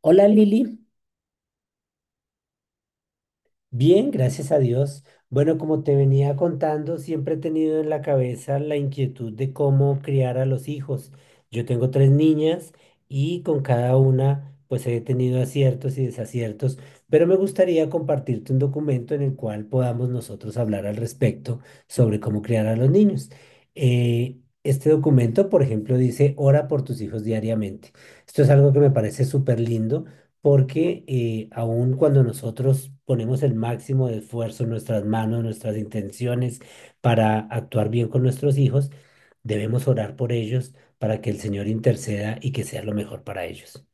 Hola Lili, bien, gracias a Dios. Bueno, como te venía contando, siempre he tenido en la cabeza la inquietud de cómo criar a los hijos. Yo tengo tres niñas y con cada una pues he tenido aciertos y desaciertos, pero me gustaría compartirte un documento en el cual podamos nosotros hablar al respecto sobre cómo criar a los niños. Este documento, por ejemplo, dice, ora por tus hijos diariamente. Esto es algo que me parece súper lindo porque aun cuando nosotros ponemos el máximo de esfuerzo en nuestras manos, nuestras intenciones para actuar bien con nuestros hijos, debemos orar por ellos para que el Señor interceda y que sea lo mejor para ellos.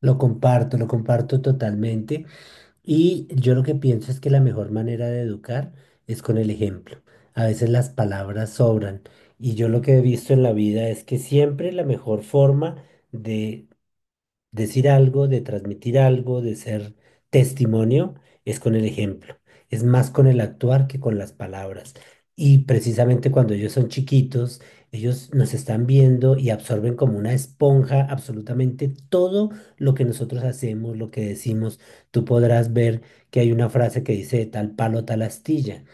Lo comparto totalmente y yo lo que pienso es que la mejor manera de educar es con el ejemplo. A veces las palabras sobran y yo lo que he visto en la vida es que siempre la mejor forma de decir algo, de transmitir algo, de ser testimonio, es con el ejemplo. Es más con el actuar que con las palabras. Y precisamente cuando ellos son chiquitos, ellos nos están viendo y absorben como una esponja absolutamente todo lo que nosotros hacemos, lo que decimos. Tú podrás ver que hay una frase que dice "De tal palo, tal astilla".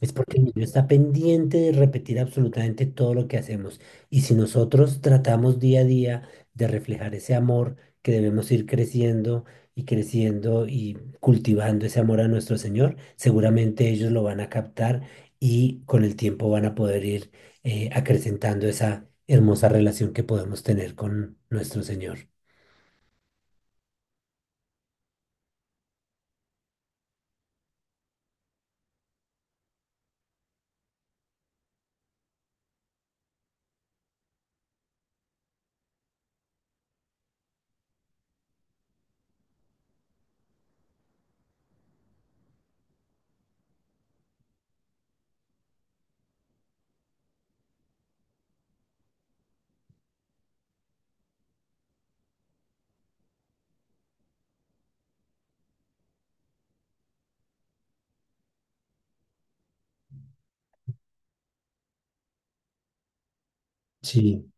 Es porque el niño está pendiente de repetir absolutamente todo lo que hacemos. Y si nosotros tratamos día a día de reflejar ese amor, que debemos ir creciendo y creciendo y cultivando ese amor a nuestro Señor, seguramente ellos lo van a captar y con el tiempo van a poder ir acrecentando esa hermosa relación que podemos tener con nuestro Señor. Sí.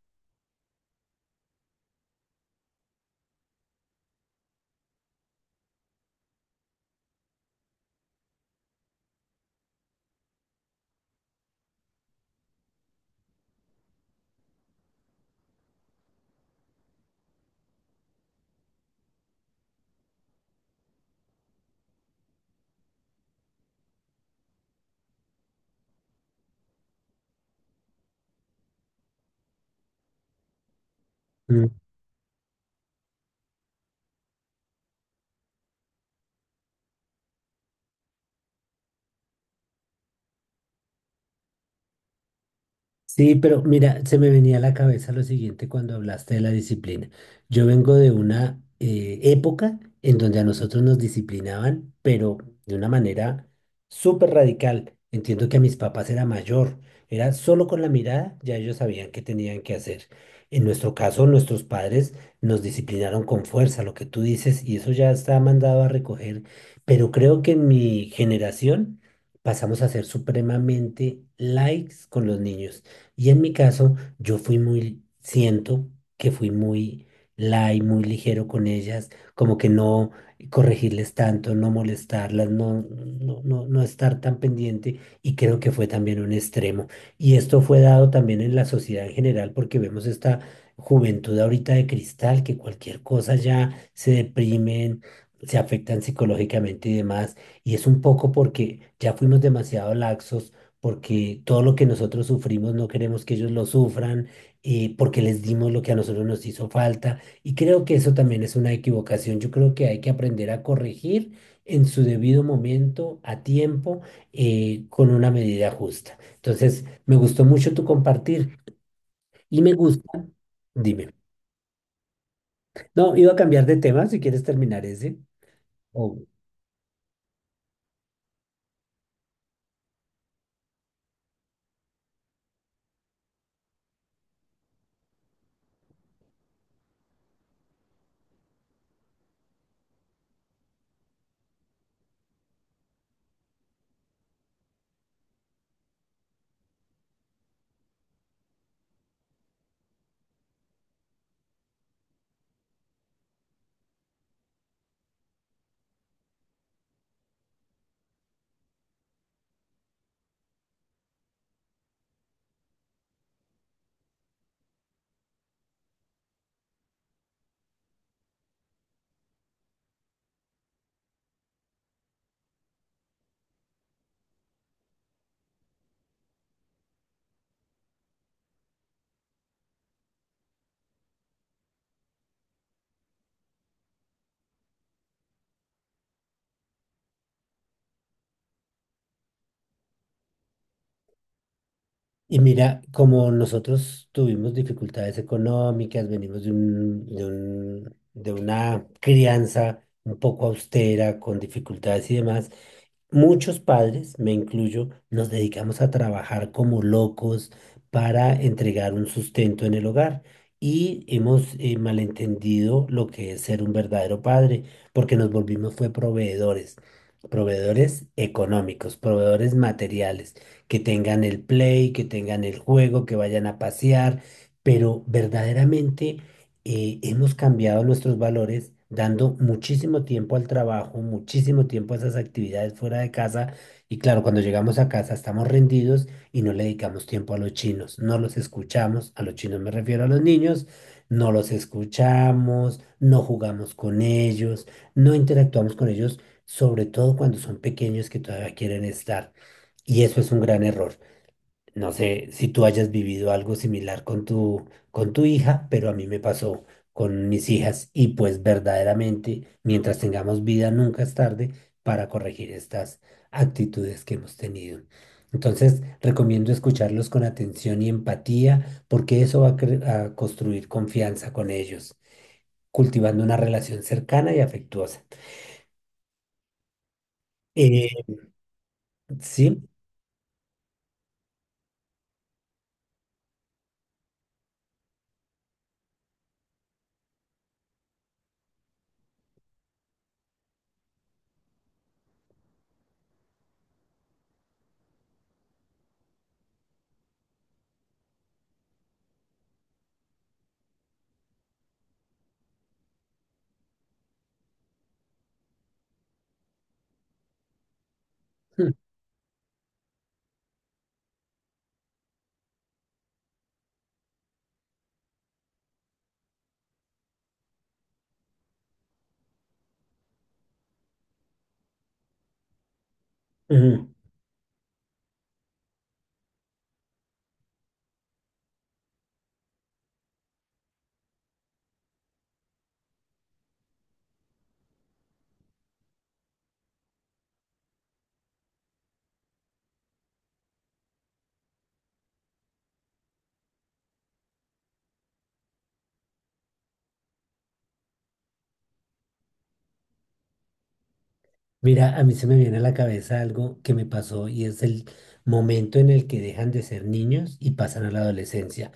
Sí, pero mira, se me venía a la cabeza lo siguiente cuando hablaste de la disciplina. Yo vengo de una época en donde a nosotros nos disciplinaban, pero de una manera súper radical. Entiendo que a mis papás era mayor, era solo con la mirada, ya ellos sabían qué tenían que hacer. En nuestro caso, nuestros padres nos disciplinaron con fuerza, lo que tú dices, y eso ya está mandado a recoger, pero creo que en mi generación pasamos a ser supremamente likes con los niños. Y en mi caso, yo fui muy, siento que fui muy light, muy ligero con ellas, como que no corregirles tanto, no molestarlas, no, no, no, no estar tan pendiente y creo que fue también un extremo. Y esto fue dado también en la sociedad en general porque vemos esta juventud ahorita de cristal que cualquier cosa ya se deprimen, se afectan psicológicamente y demás. Y es un poco porque ya fuimos demasiado laxos porque todo lo que nosotros sufrimos no queremos que ellos lo sufran, porque les dimos lo que a nosotros nos hizo falta. Y creo que eso también es una equivocación. Yo creo que hay que aprender a corregir en su debido momento, a tiempo, con una medida justa. Entonces, me gustó mucho tu compartir y me gusta, dime, no, iba a cambiar de tema si quieres terminar ese. Y mira, como nosotros tuvimos dificultades económicas, venimos de un, de una crianza un poco austera, con dificultades y demás, muchos padres, me incluyo, nos dedicamos a trabajar como locos para entregar un sustento en el hogar. Y hemos malentendido lo que es ser un verdadero padre, porque nos volvimos fue proveedores, proveedores económicos, proveedores materiales que tengan el play, que tengan el juego, que vayan a pasear, pero verdaderamente hemos cambiado nuestros valores dando muchísimo tiempo al trabajo, muchísimo tiempo a esas actividades fuera de casa y claro, cuando llegamos a casa estamos rendidos y no le dedicamos tiempo a los chinos, no los escuchamos, a los chinos me refiero a los niños, no los escuchamos, no jugamos con ellos, no interactuamos con ellos, sobre todo cuando son pequeños que todavía quieren estar. Y eso es un gran error. No sé si tú hayas vivido algo similar con tu hija, pero a mí me pasó con mis hijas y pues verdaderamente, mientras tengamos vida, nunca es tarde para corregir estas actitudes que hemos tenido. Entonces, recomiendo escucharlos con atención y empatía, porque eso va a, a construir confianza con ellos, cultivando una relación cercana y afectuosa. Eh, sí. Mm, ujú. Mira, a mí se me viene a la cabeza algo que me pasó y es el momento en el que dejan de ser niños y pasan a la adolescencia.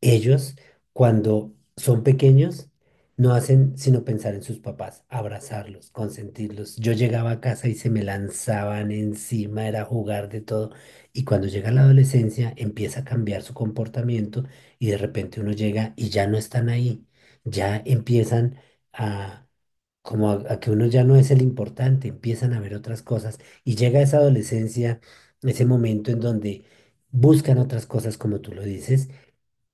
Ellos, cuando son pequeños, no hacen sino pensar en sus papás, abrazarlos, consentirlos. Yo llegaba a casa y se me lanzaban encima, era jugar de todo. Y cuando llega la adolescencia, empieza a cambiar su comportamiento y de repente uno llega y ya no están ahí, ya empiezan a como a que uno ya no es el importante, empiezan a ver otras cosas y llega esa adolescencia, ese momento en donde buscan otras cosas, como tú lo dices,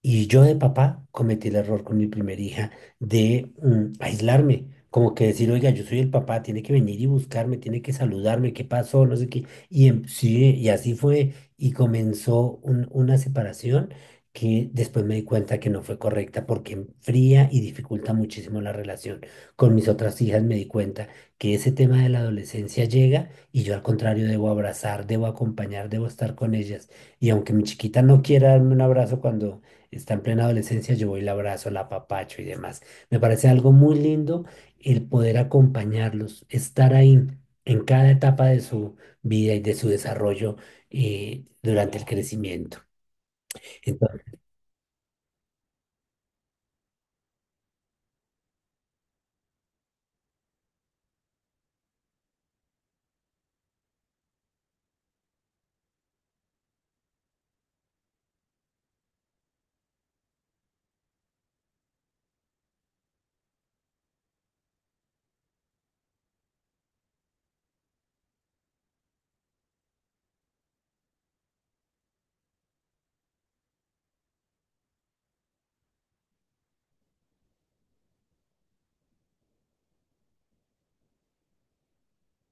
y yo de papá cometí el error con mi primera hija de aislarme, como que decir, oiga, yo soy el papá, tiene que venir y buscarme, tiene que saludarme, ¿qué pasó? No sé qué. Y sí, y así fue, y comenzó una separación que después me di cuenta que no fue correcta porque enfría y dificulta muchísimo la relación. Con mis otras hijas me di cuenta que ese tema de la adolescencia llega y yo al contrario debo abrazar, debo acompañar, debo estar con ellas. Y aunque mi chiquita no quiera darme un abrazo cuando está en plena adolescencia, yo voy y la abrazo, la apapacho y demás. Me parece algo muy lindo el poder acompañarlos, estar ahí en cada etapa de su vida y de su desarrollo durante el crecimiento. Entonces,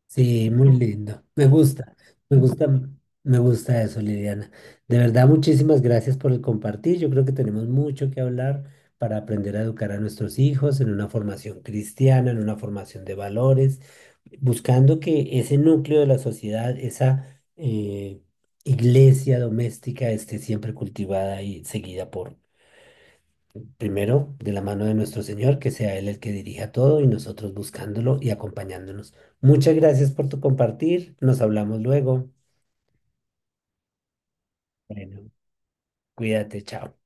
sí, muy lindo. Me gusta, me gusta, me gusta eso, Liliana. De verdad, muchísimas gracias por el compartir. Yo creo que tenemos mucho que hablar para aprender a educar a nuestros hijos en una formación cristiana, en una formación de valores, buscando que ese núcleo de la sociedad, esa iglesia doméstica, esté siempre cultivada y seguida por primero, de la mano de nuestro Señor, que sea Él el que dirija todo y nosotros buscándolo y acompañándonos. Muchas gracias por tu compartir. Nos hablamos luego. Bueno, cuídate, chao.